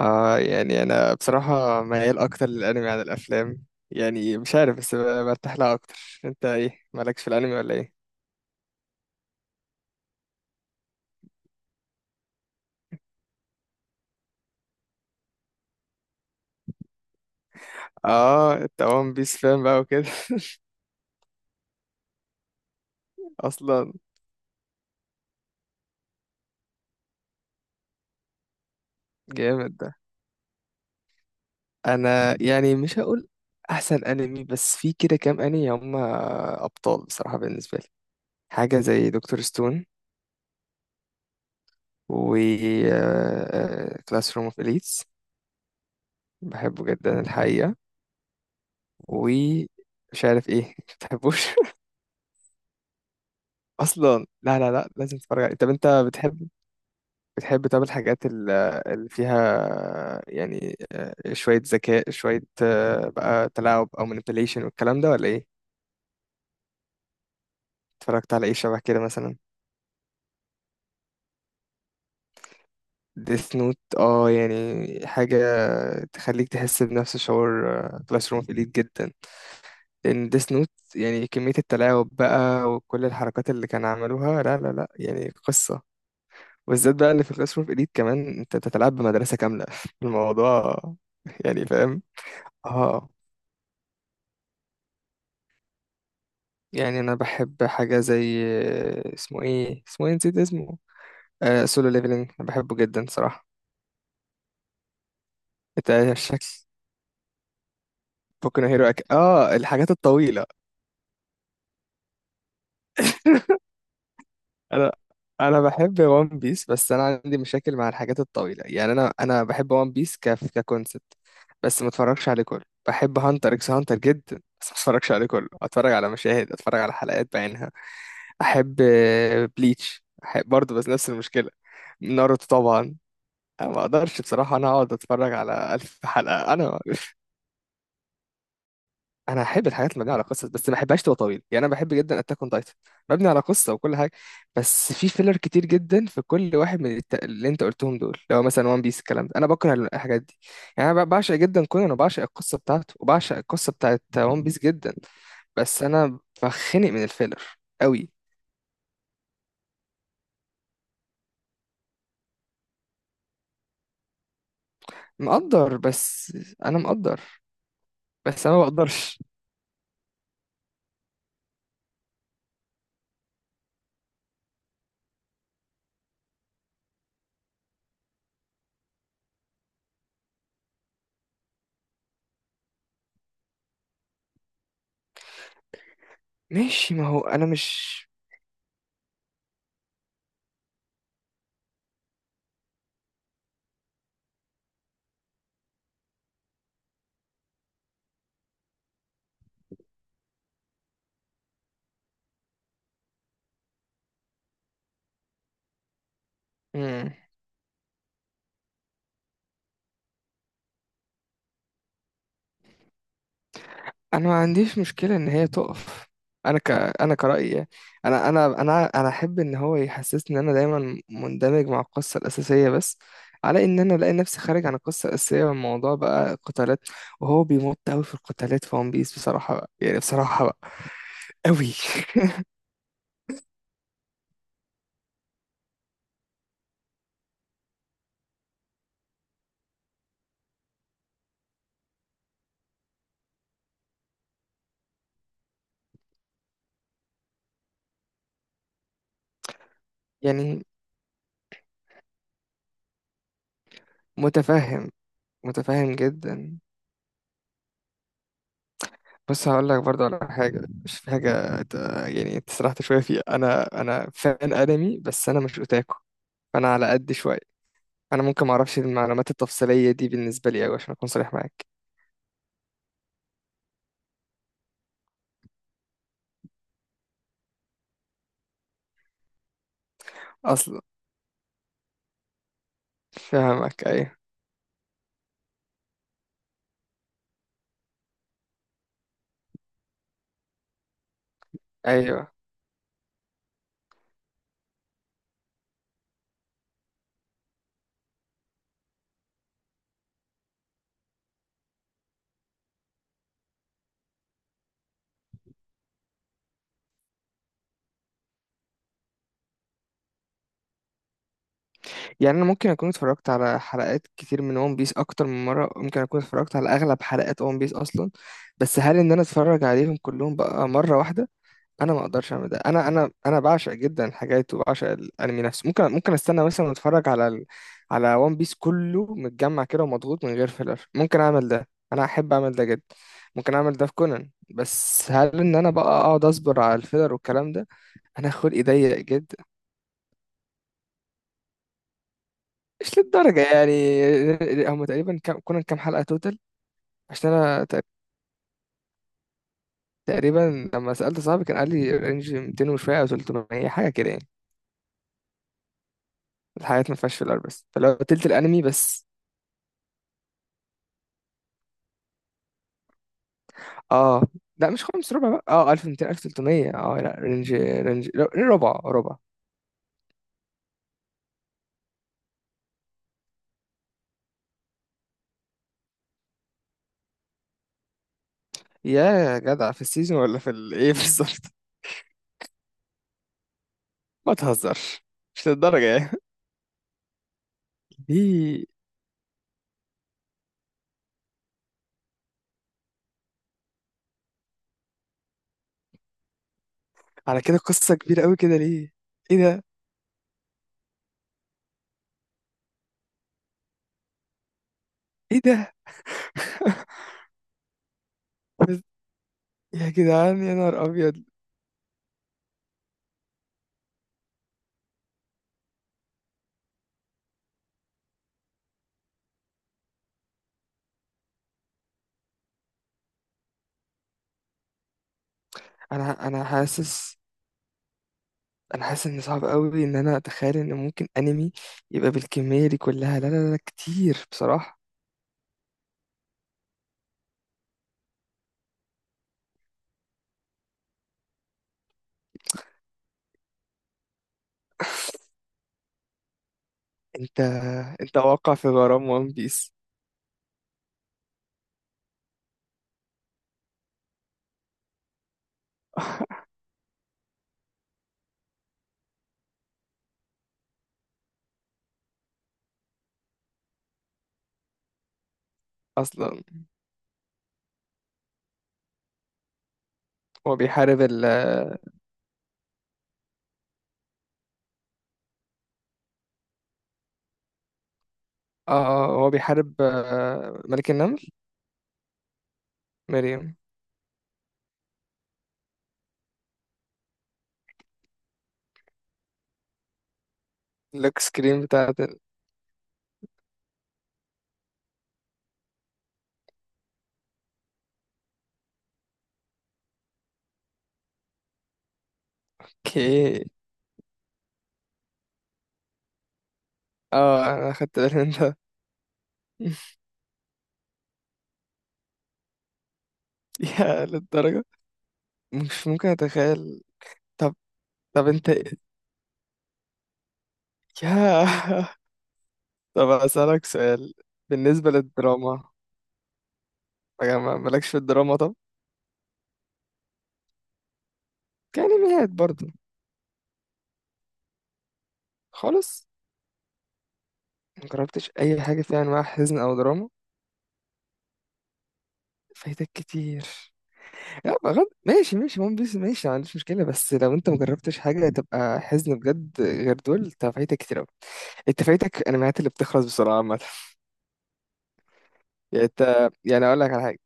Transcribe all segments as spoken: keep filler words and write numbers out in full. آه، يعني انا بصراحة ميال اكتر للانمي عن الافلام. يعني مش عارف بس ب- برتاح لها اكتر. انت ايه مالكش في الانمي ولا ايه؟ اه انت وان بيس فان بقى وكده. اصلا جامد ده. انا يعني مش هقول احسن انمي، بس في كده كام انمي هم ابطال بصراحة بالنسبة لي. حاجة زي دكتور ستون و كلاس روم اوف اليتس، بحبه جدا الحقيقة. ومش عارف ايه. بتحبوش اصلا؟ لا لا لا، لازم تتفرج عليه. طب انت بتحب، بتحب طب الحاجات ال- اللي فيها يعني آه، شويه ذكاء، شويه آه، بقى تلاعب او manipulation والكلام ده ولا ايه؟ اتفرجت على ايه شبه كده مثلا؟ ديث نوت، اه يعني حاجه تخليك تحس بنفس شعور كلاس روم اليت جدا. لان ديث نوت يعني كميه التلاعب بقى وكل الحركات اللي كانوا عملوها، لا لا لا يعني قصه. بالذات بقى اللي في كلاس روم إليت، كمان أنت بتتلعب بمدرسة كاملة. الموضوع يعني فاهم. اه يعني أنا بحب حاجة زي آه، اسمه إيه، اسمه إيه، نسيت اسمه. آه سولو ليفلينج، أنا بحبه جدا صراحة. أنت شكل بوكو هيرو أك... اه الحاجات الطويلة. انا انا بحب وان بيس، بس انا عندي مشاكل مع الحاجات الطويله. يعني انا انا بحب وان بيس ك ككونسبت، بس ما اتفرجش عليه كله. بحب هانتر اكس هانتر جدا، بس ما اتفرجش عليه كله، اتفرج على مشاهد، اتفرج على حلقات بعينها. احب آه، بليتش احب برضه، بس نفس المشكله. ناروتو طبعا. انا ما اقدرش بصراحه انا اقعد اتفرج على الف حلقه انا. انا احب الحاجات اللي مبنيه على قصص، بس ما احبهاش تبقى طويله. يعني انا بحب جدا اتاك اون تايتن، مبني على قصه وكل حاجه. بس في فيلر كتير جدا في كل واحد من الت... اللي انت قلتهم دول. لو مثلا وان بيس، الكلام ده انا بكره الحاجات دي. يعني انا ب- بعشق جدا كونان، وبعشق القصه بتاعته، وبعشق القصه بتاعت وان بيس جدا، بس انا بخنق من الفيلر قوي. مقدر، بس انا مقدر، بس انا ما بقدرش. ماشي ما هو انا مش. مم. انا ما عنديش مشكله ان هي تقف. انا ك انا كرأيي يعني. انا انا انا انا احب ان هو يحسسني ان انا دايما مندمج مع القصه الاساسيه، بس على ان انا الاقي نفسي خارج عن القصه الاساسيه والموضوع بقى قتالات، وهو بيمط قوي في القتالات في ون بيس بصراحه بقى، يعني بصراحه بقى قوي. يعني متفهم، متفهم جدا. بس هقول لك برضه على حاجة، مش في حاجة ت- يعني انت سرحت شوية فيها. أنا أنا فان أنمي، بس أنا مش أوتاكو، فأنا على قد شوية. أنا ممكن معرفش المعلومات التفصيلية دي بالنسبة لي أوي، عشان أكون صريح معاك. أصلا فاهمك، أيوه أيوه. يعني أنا ممكن أكون اتفرجت على حلقات كتير من ون بيس أكتر من مرة، ممكن أكون اتفرجت على أغلب حلقات ون بيس أصلا. بس هل إن أنا أتفرج عليهم كلهم بقى مرة واحدة؟ انا ما اقدرش اعمل ده. انا انا انا بعشق جدا الحاجات وبعشق الانمي نفسه. ممكن، ممكن استنى مثلا، اتفرج على ال... على وان بيس كله متجمع كده ومضغوط من غير فيلر، ممكن اعمل ده، انا احب اعمل ده جدا. ممكن اعمل ده في كونان، بس هل ان انا بقى اقعد اصبر على الفيلر والكلام ده؟ انا خلقي ضيق جدا. مش للدرجه يعني. هم تقريبا كم... كونان كام حلقه توتال؟ عشان انا تق- تقريبا لما سالت صاحبي كان قال لي رينج مئتين وشويه او ثلاثمائة حاجه كده يعني. الحاجات ما فيهاش فيلر، بس فلو تلت الانمي بس. اه لا مش خمس، ربع بقى، اه ألف ومئتين ألف وثلاثمية. اه لا، رينج رينج، لا، ربع ربع. يا جدع في السيزون ولا في ال- ايه بالظبط؟ ما تهزرش، مش للدرجة يعني. ليه؟ على كده قصة كبيرة قوي كده ليه؟ ايه ده، ايه ده. بس- يا جدعان يا نهار ابيض. انا انا حاسس، انا حاسس ان صعب قوي ان انا اتخيل ان ممكن انمي يبقى بالكمية دي كلها. لا لا لا، كتير بصراحة. انت انت واقع في غرام وان بيس. اصلا هو بيحارب ال اه، آه، هو بيحارب آه، ملك النمل. مريم. اللوك سكرين بتاعت ال- اوكي. اه انا خدت بالي من ده. يا للدرجة، مش ممكن اتخيل. طب، طب انت إيه؟ يا. طب اسألك سؤال. بالنسبة للدراما، يا ما- مالكش في الدراما؟ طب كأنميات برضو؟ خالص مجربتش اي حاجة فيها انواع حزن او دراما؟ فايتك كتير. لا بغض، ماشي ماشي، ون بيس ماشي، ما عنديش مشكلة، بس لو انت مجربتش حاجة تبقى حزن بجد غير دول، انت فايتك كتير اوي. انت فايتك انميات اللي بتخلص بسرعة عامة. يعني انت، يعني اقول لك على حاجة.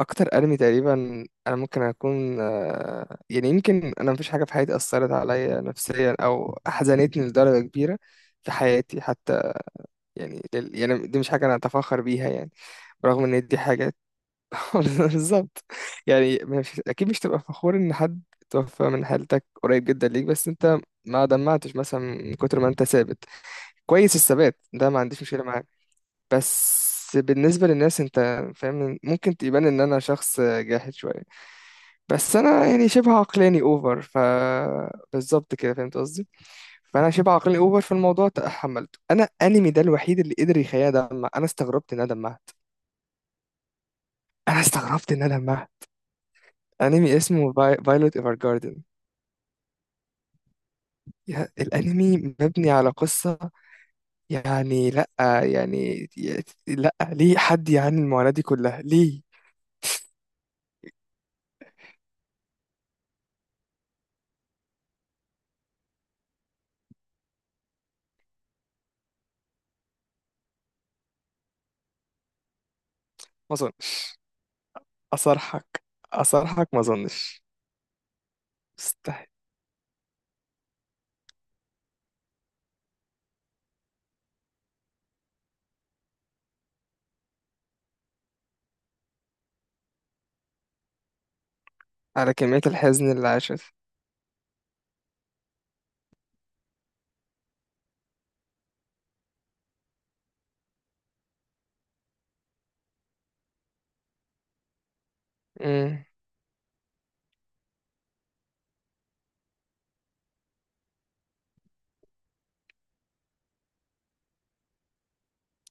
اكتر انمي تقريبا انا ممكن اكون آه، يعني يمكن، انا مفيش حاجة في حياتي اثرت عليا نفسيا او حزنتني لدرجة كبيرة في حياتي حتى. يعني لل- يعني دي مش حاجة انا اتفاخر بيها يعني، برغم ان دي حاجة. بالظبط، يعني مش اكيد مش تبقى فخور ان حد توفى من حالتك قريب جدا ليك، بس انت ما دمعتش مثلا من كتر ما انت ثابت. كويس، الثبات ده ما عنديش مشكله معاك، بس بالنسبه للناس انت فاهم ممكن تبان ان انا شخص جاحد شويه. بس انا يعني شبه عقلاني اوفر ف، بالظبط كده فهمت قصدي. فانا شبه عقلاني اوفر في الموضوع. تحملته انا، انمي ده الوحيد اللي قدر يخليني ادمع. انا استغربت ان انا دمعت، انا استغربت ان انا دمعت. انمي اسمه فايلوت ايفر جاردن. يا الانمي مبني على قصة، يعني لا، يعني لا، ليه حد يعاني المعاناة دي كلها ليه؟ ما اظنش، اصرحك، اصرحك ما اظنش، مستحيل على كمية الحزن اللي عاشت. امم،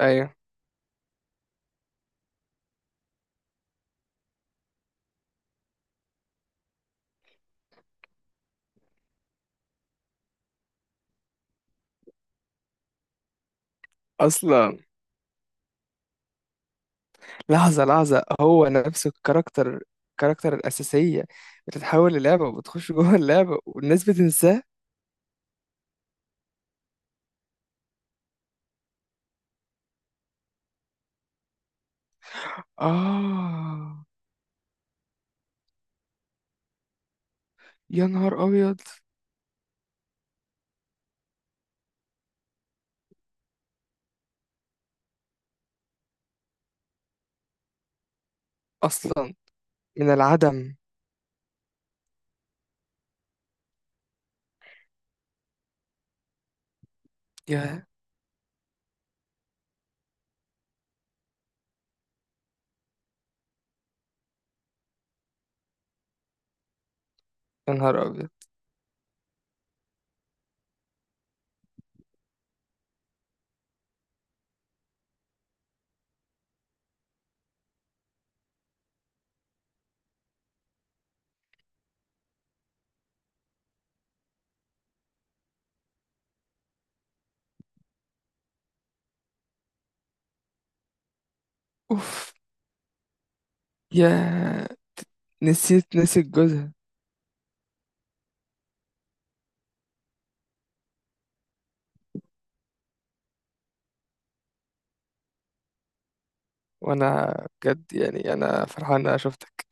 ايوه. اصلا لحظة لحظة، هو نفسه الكاركتر، الكاركتر الأساسية بتتحول للعبة، وبتخش جوه اللعبة والناس بتنساه. آه، يا نهار أبيض. أصلا من العدم. يا، يا نهار أبيض. أوف، يا. نسيت، نسيت جوزها. وأنا، بجد يعني أنا فرحان إن أنا شفتك.